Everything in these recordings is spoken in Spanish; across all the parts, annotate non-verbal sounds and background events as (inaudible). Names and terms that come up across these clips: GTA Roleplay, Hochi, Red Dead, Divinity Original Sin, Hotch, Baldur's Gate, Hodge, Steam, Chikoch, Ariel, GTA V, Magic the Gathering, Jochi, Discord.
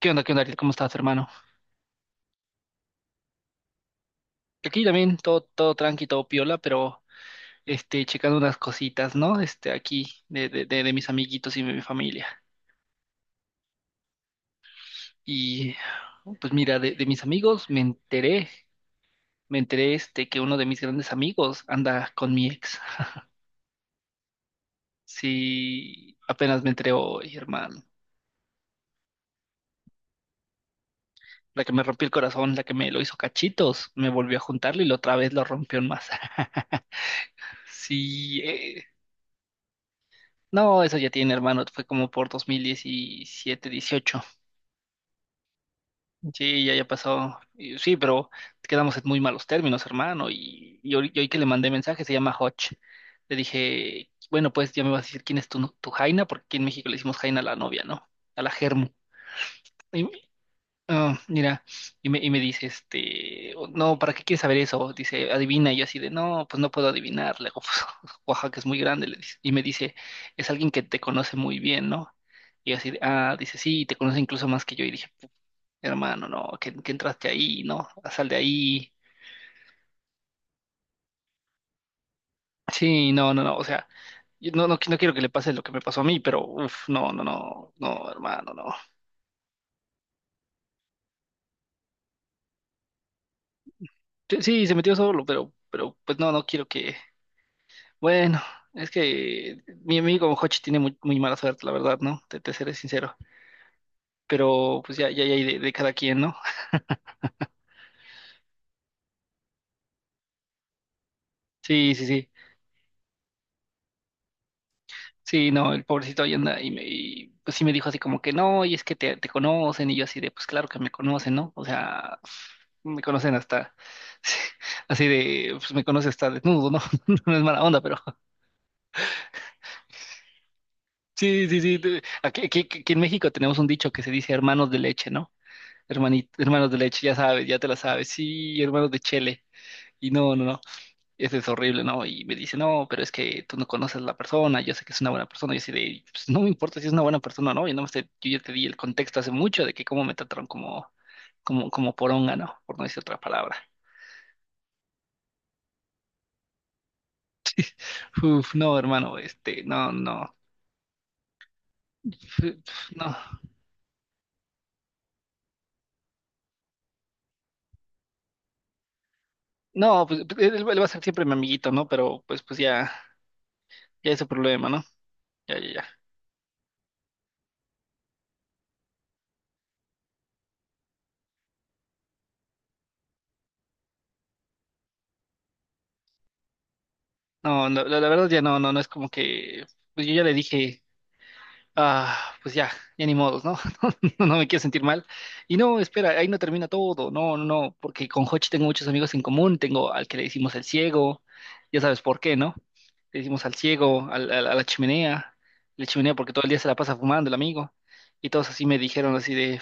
Qué onda, Ariel? ¿Cómo estás, hermano? Aquí también todo tranqui, todo piola, pero checando unas cositas, ¿no? Aquí de mis amiguitos y de mi familia. Y pues mira, de mis amigos me enteré que uno de mis grandes amigos anda con mi ex. Sí, apenas me enteré hoy, hermano. La que me rompió el corazón, la que me lo hizo cachitos, me volvió a juntarlo y la otra vez lo rompió en masa. (laughs) Sí, no, eso ya tiene, hermano, fue como por 2017, 18. Sí, ya pasó. Y sí, pero quedamos en muy malos términos, hermano. Y hoy que le mandé mensaje, se llama Hotch. Le dije, bueno, pues ya me vas a decir quién es tu Jaina, porque aquí en México le decimos Jaina a la novia, ¿no? A la Germu. Y, ah, mira, y me dice, "Oh, no, ¿para qué quieres saber eso?". Dice, adivina. Y yo así de, no, pues no puedo adivinar. Le digo, pues, (laughs) Oaxaca es muy grande, le dice. Y me dice, es alguien que te conoce muy bien, ¿no? Y yo así de, ah, dice, sí, te conoce incluso más que yo. Y dije, hermano, no, que entraste ahí, no, sal de ahí. Sí, no, no, no, o sea, yo no quiero que le pase lo que me pasó a mí, pero uff, no, no, no, no, hermano, no. Sí, sí, se metió solo, pero pues no, no quiero que. Bueno, es que mi amigo Hochi tiene muy, muy mala suerte, la verdad, ¿no? Te seré sincero. Pero pues ya, ya, ya, hay de cada quien, ¿no? Sí, sí, sí. Sí, no, el pobrecito ahí anda y, me, y, pues sí me dijo así como que no, y es que te conocen, y yo así de, pues claro que me conocen, ¿no? O sea, me conocen hasta, (laughs) así de, pues me conoce hasta desnudo, ¿no? (laughs) No es mala onda, pero (laughs) sí, sí, sí. Aquí, aquí en México tenemos un dicho que se dice hermanos de leche, ¿no? Hermanos de leche, ya sabes, ya te la sabes, sí, hermanos de chele, y no, no, no. Eso es horrible, ¿no? Y me dice, no, pero es que tú no conoces a la persona, yo sé que es una buena persona. Yo así de, pues no me importa si es una buena persona o no, yo no sé, yo ya te di el contexto hace mucho de que cómo me trataron como, como poronga, ¿no? Por no decir otra palabra. Uf, no, hermano, no, no, no, no, pues pues, él va a ser siempre mi amiguito, ¿no? Pero pues, pues ya, ya es su problema, ¿no? Ya, ya, ya. No, no, la verdad ya no, no, no es como que, pues yo ya le dije. Ah, pues ya, ya ni modos, ¿no? (laughs) No, no me quiero sentir mal. Y no, espera, ahí no termina todo, no, no, no, porque con Hochi tengo muchos amigos en común, tengo al que le decimos el ciego, ya sabes por qué, ¿no? Le decimos al ciego, a la chimenea porque todo el día se la pasa fumando el amigo, y todos así me dijeron así de,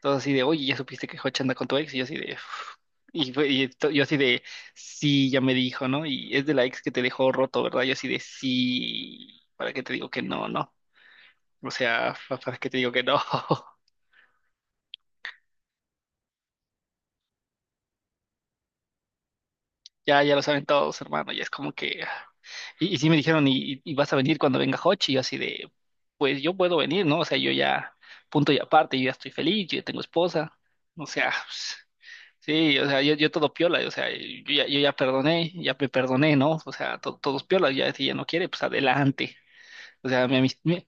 todos así de, oye, ya supiste que Hochi anda con tu ex, y yo así de, (laughs) "Uf". Yo así de, sí, ya me dijo, ¿no? Y es de la ex que te dejó roto, ¿verdad? Yo así de, sí, ¿para qué te digo que no, no? O sea, ¿para qué te digo que no? (laughs) Ya, ya lo saben todos, hermano. Ya es como que. Ah. Y sí me dijeron, ¿y, y vas a venir cuando venga Hochi? Y yo así de, pues yo puedo venir, ¿no? O sea, yo ya, punto y aparte, yo ya estoy feliz, yo ya tengo esposa. O sea, (laughs) pues, sí, o sea, yo todo piola, o sea, yo ya, yo ya perdoné, ya me perdoné, ¿no? O sea, todos piola, ya si ya no quiere, pues adelante. O sea, mi,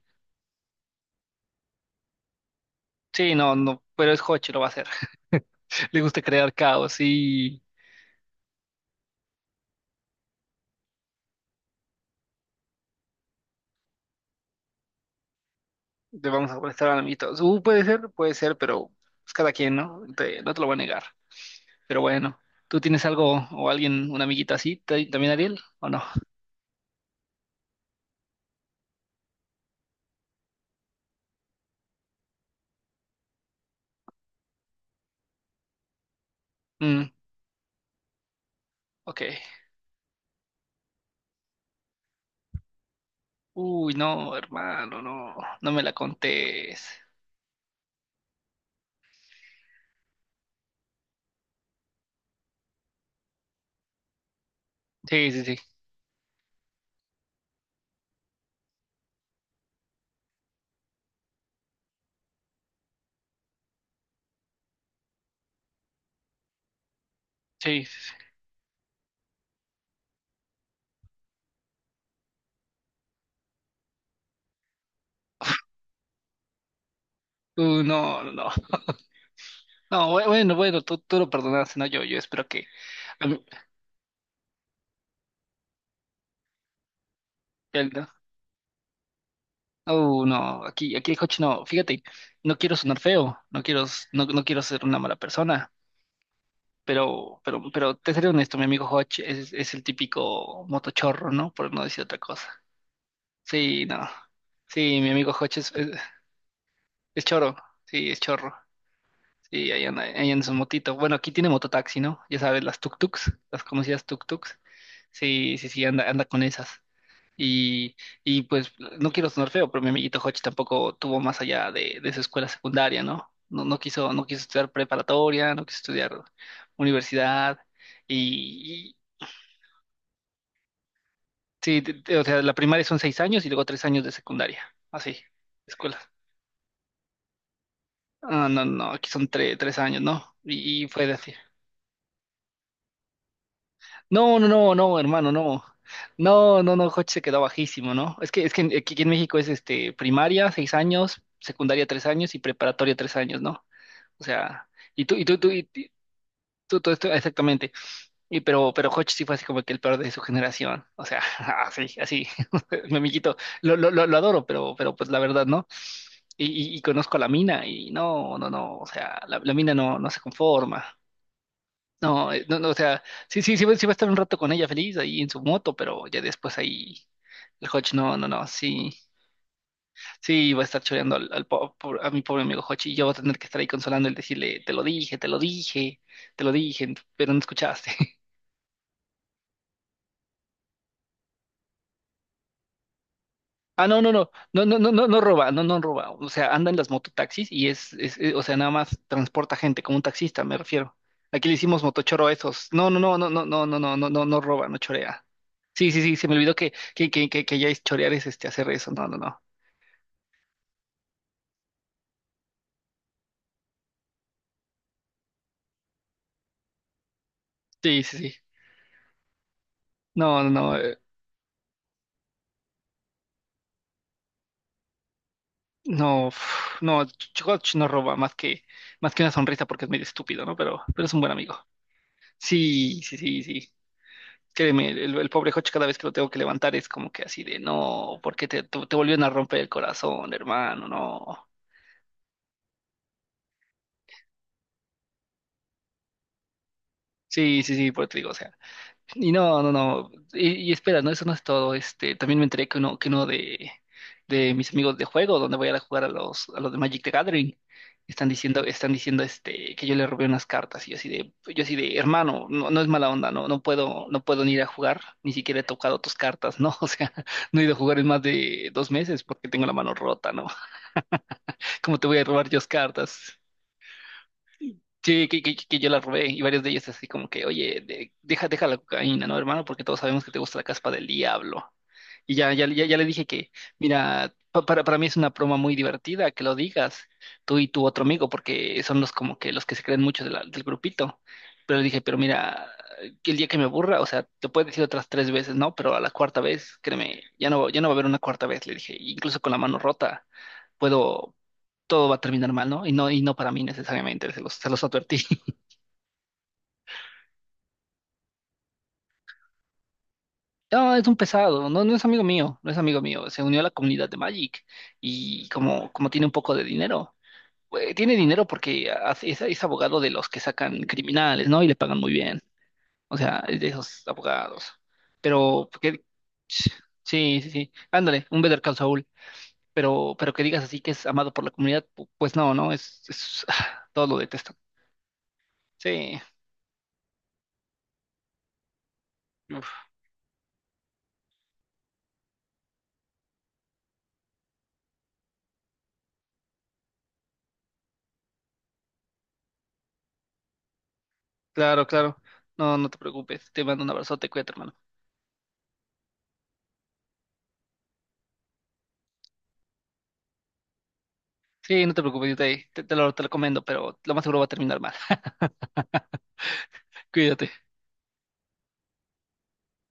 sí, no, no, pero es Hochi, lo va a hacer. (laughs) Le gusta crear caos, sí. Te vamos a prestar amiguitos. Puede ser, pero es cada quien, ¿no? No te lo voy a negar. Pero bueno, ¿tú tienes algo o alguien, una amiguita así, también Ariel, o no? Mm, ok. Uy, no, hermano, no, no me la contés. Sí, sí, sí, sí. Sí, sí. No, no, no. No, bueno, bueno, tú lo perdonaste, ¿no? Yo espero que... a mí- él, ¿no? No, aquí, aquí el coche no. Fíjate, no quiero sonar feo, no quiero, no, no quiero ser una mala persona. Pero te seré honesto, mi amigo Hodge es el típico motochorro, ¿no? Por no decir otra cosa. Sí, no. Sí, mi amigo Hodge es chorro. Sí, es chorro. Sí, ahí anda en su motito. Bueno, aquí tiene mototaxi, ¿no? Ya sabes, las tuk-tuks, las conocidas tuk-tuks. Sí, sí, sí, anda, anda con esas. Y, y pues no quiero sonar feo, pero mi amiguito Hodge tampoco tuvo más allá de su escuela secundaria, ¿no? No, no quiso, no quiso estudiar preparatoria, no quiso estudiar universidad. Y, sí, o sea, la primaria son seis años y luego tres años de secundaria. Así, escuela. Ah, no, no, aquí son tres años, ¿no? Y fue de así. No, no, no, no, hermano, no. No, no, no, Jochi se quedó bajísimo, ¿no? Es que aquí en México es este primaria, seis años, secundaria tres años y preparatoria tres años, ¿no? O sea, y tú, tú, y tú, todo esto, exactamente. Y pero Hodge sí fue así como que el peor de su generación. O sea, (laughs) así, así. (laughs) Mi amiguito, lo adoro, pero pues la verdad, ¿no? Y, y conozco a la mina y no, no, no. O sea, la mina no, no se conforma. No, no, no, o sea, sí, sí, sí va a estar un rato con ella feliz ahí en su moto, pero ya después ahí el Hodge, no, no, no, sí, sí, va a estar choreando a mi pobre amigo Hodge y yo voy a tener que estar ahí consolando y decirle, te lo dije, te lo dije, te lo dije, pero no escuchaste. Ah, no, no, no, no, no, no, no, no roba, no, no roba. O sea, anda en las mototaxis y es, o sea, nada más transporta gente como un taxista, me refiero. Aquí le hicimos motochoro a esos. No, no, no, no, no, no, no, no, no, no, no roba, no chorea. Sí, sí, sí, se me olvidó que ya es chorear es este hacer eso. No, no, no. Sí, sí, sí. No, no, no, no, uf, no, Chikoch no roba más que una sonrisa porque es medio estúpido, ¿no? Pero es un buen amigo. Sí, sí, sí, sí. Créeme, el pobre Joch cada vez que lo tengo que levantar es como que así de, no, ¿porque te volvieron a romper el corazón, hermano? No. Sí, sí, sí, por eso te digo, o sea. Y no, no, no. Y espera, no, eso no es todo. También me enteré que uno, de mis amigos de juego, donde voy a ir a jugar a los de Magic the Gathering, están diciendo que yo le robé unas cartas. Y yo así de, hermano, no, no es mala onda, no, no puedo, no puedo ni ir a jugar, ni siquiera he tocado tus cartas, ¿no? (laughs) O sea, no he ido a jugar en más de dos meses porque tengo la mano rota, ¿no? (laughs) ¿Cómo te voy a robar yo las cartas? Sí, que yo la robé y varios de ellos así como que, oye, deja, deja la cocaína, ¿no, hermano? Porque todos sabemos que te gusta la caspa del diablo. Y ya le dije que, mira, para mí es una broma muy divertida que lo digas, tú y tu otro amigo, porque son los como que los que se creen mucho de del grupito. Pero le dije, pero mira, que el día que me aburra, o sea, te puedes decir otras tres veces, ¿no? Pero a la cuarta vez, créeme, ya no, ya no va a haber una cuarta vez, le dije, incluso con la mano rota, puedo, todo va a terminar mal, ¿no? Y no, y no para mí necesariamente, se los advertí. No, es un pesado, no, no es amigo mío, no es amigo mío, se unió a la comunidad de Magic y como, como tiene un poco de dinero, tiene dinero porque es abogado de los que sacan criminales, ¿no? Y le pagan muy bien, o sea, es de esos abogados. Pero, que, sí, sí, sí, ándale, un Better Call Saul, pero que digas así que es amado por la comunidad, pues no, no, es (laughs) (sighs) todo lo detestan. Sí, uf, claro, claro, no, no te preocupes, te mando un abrazote, cuídate, hermano. Sí, no te preocupes, yo te lo recomiendo, pero lo más seguro va a terminar mal. (laughs) Cuídate.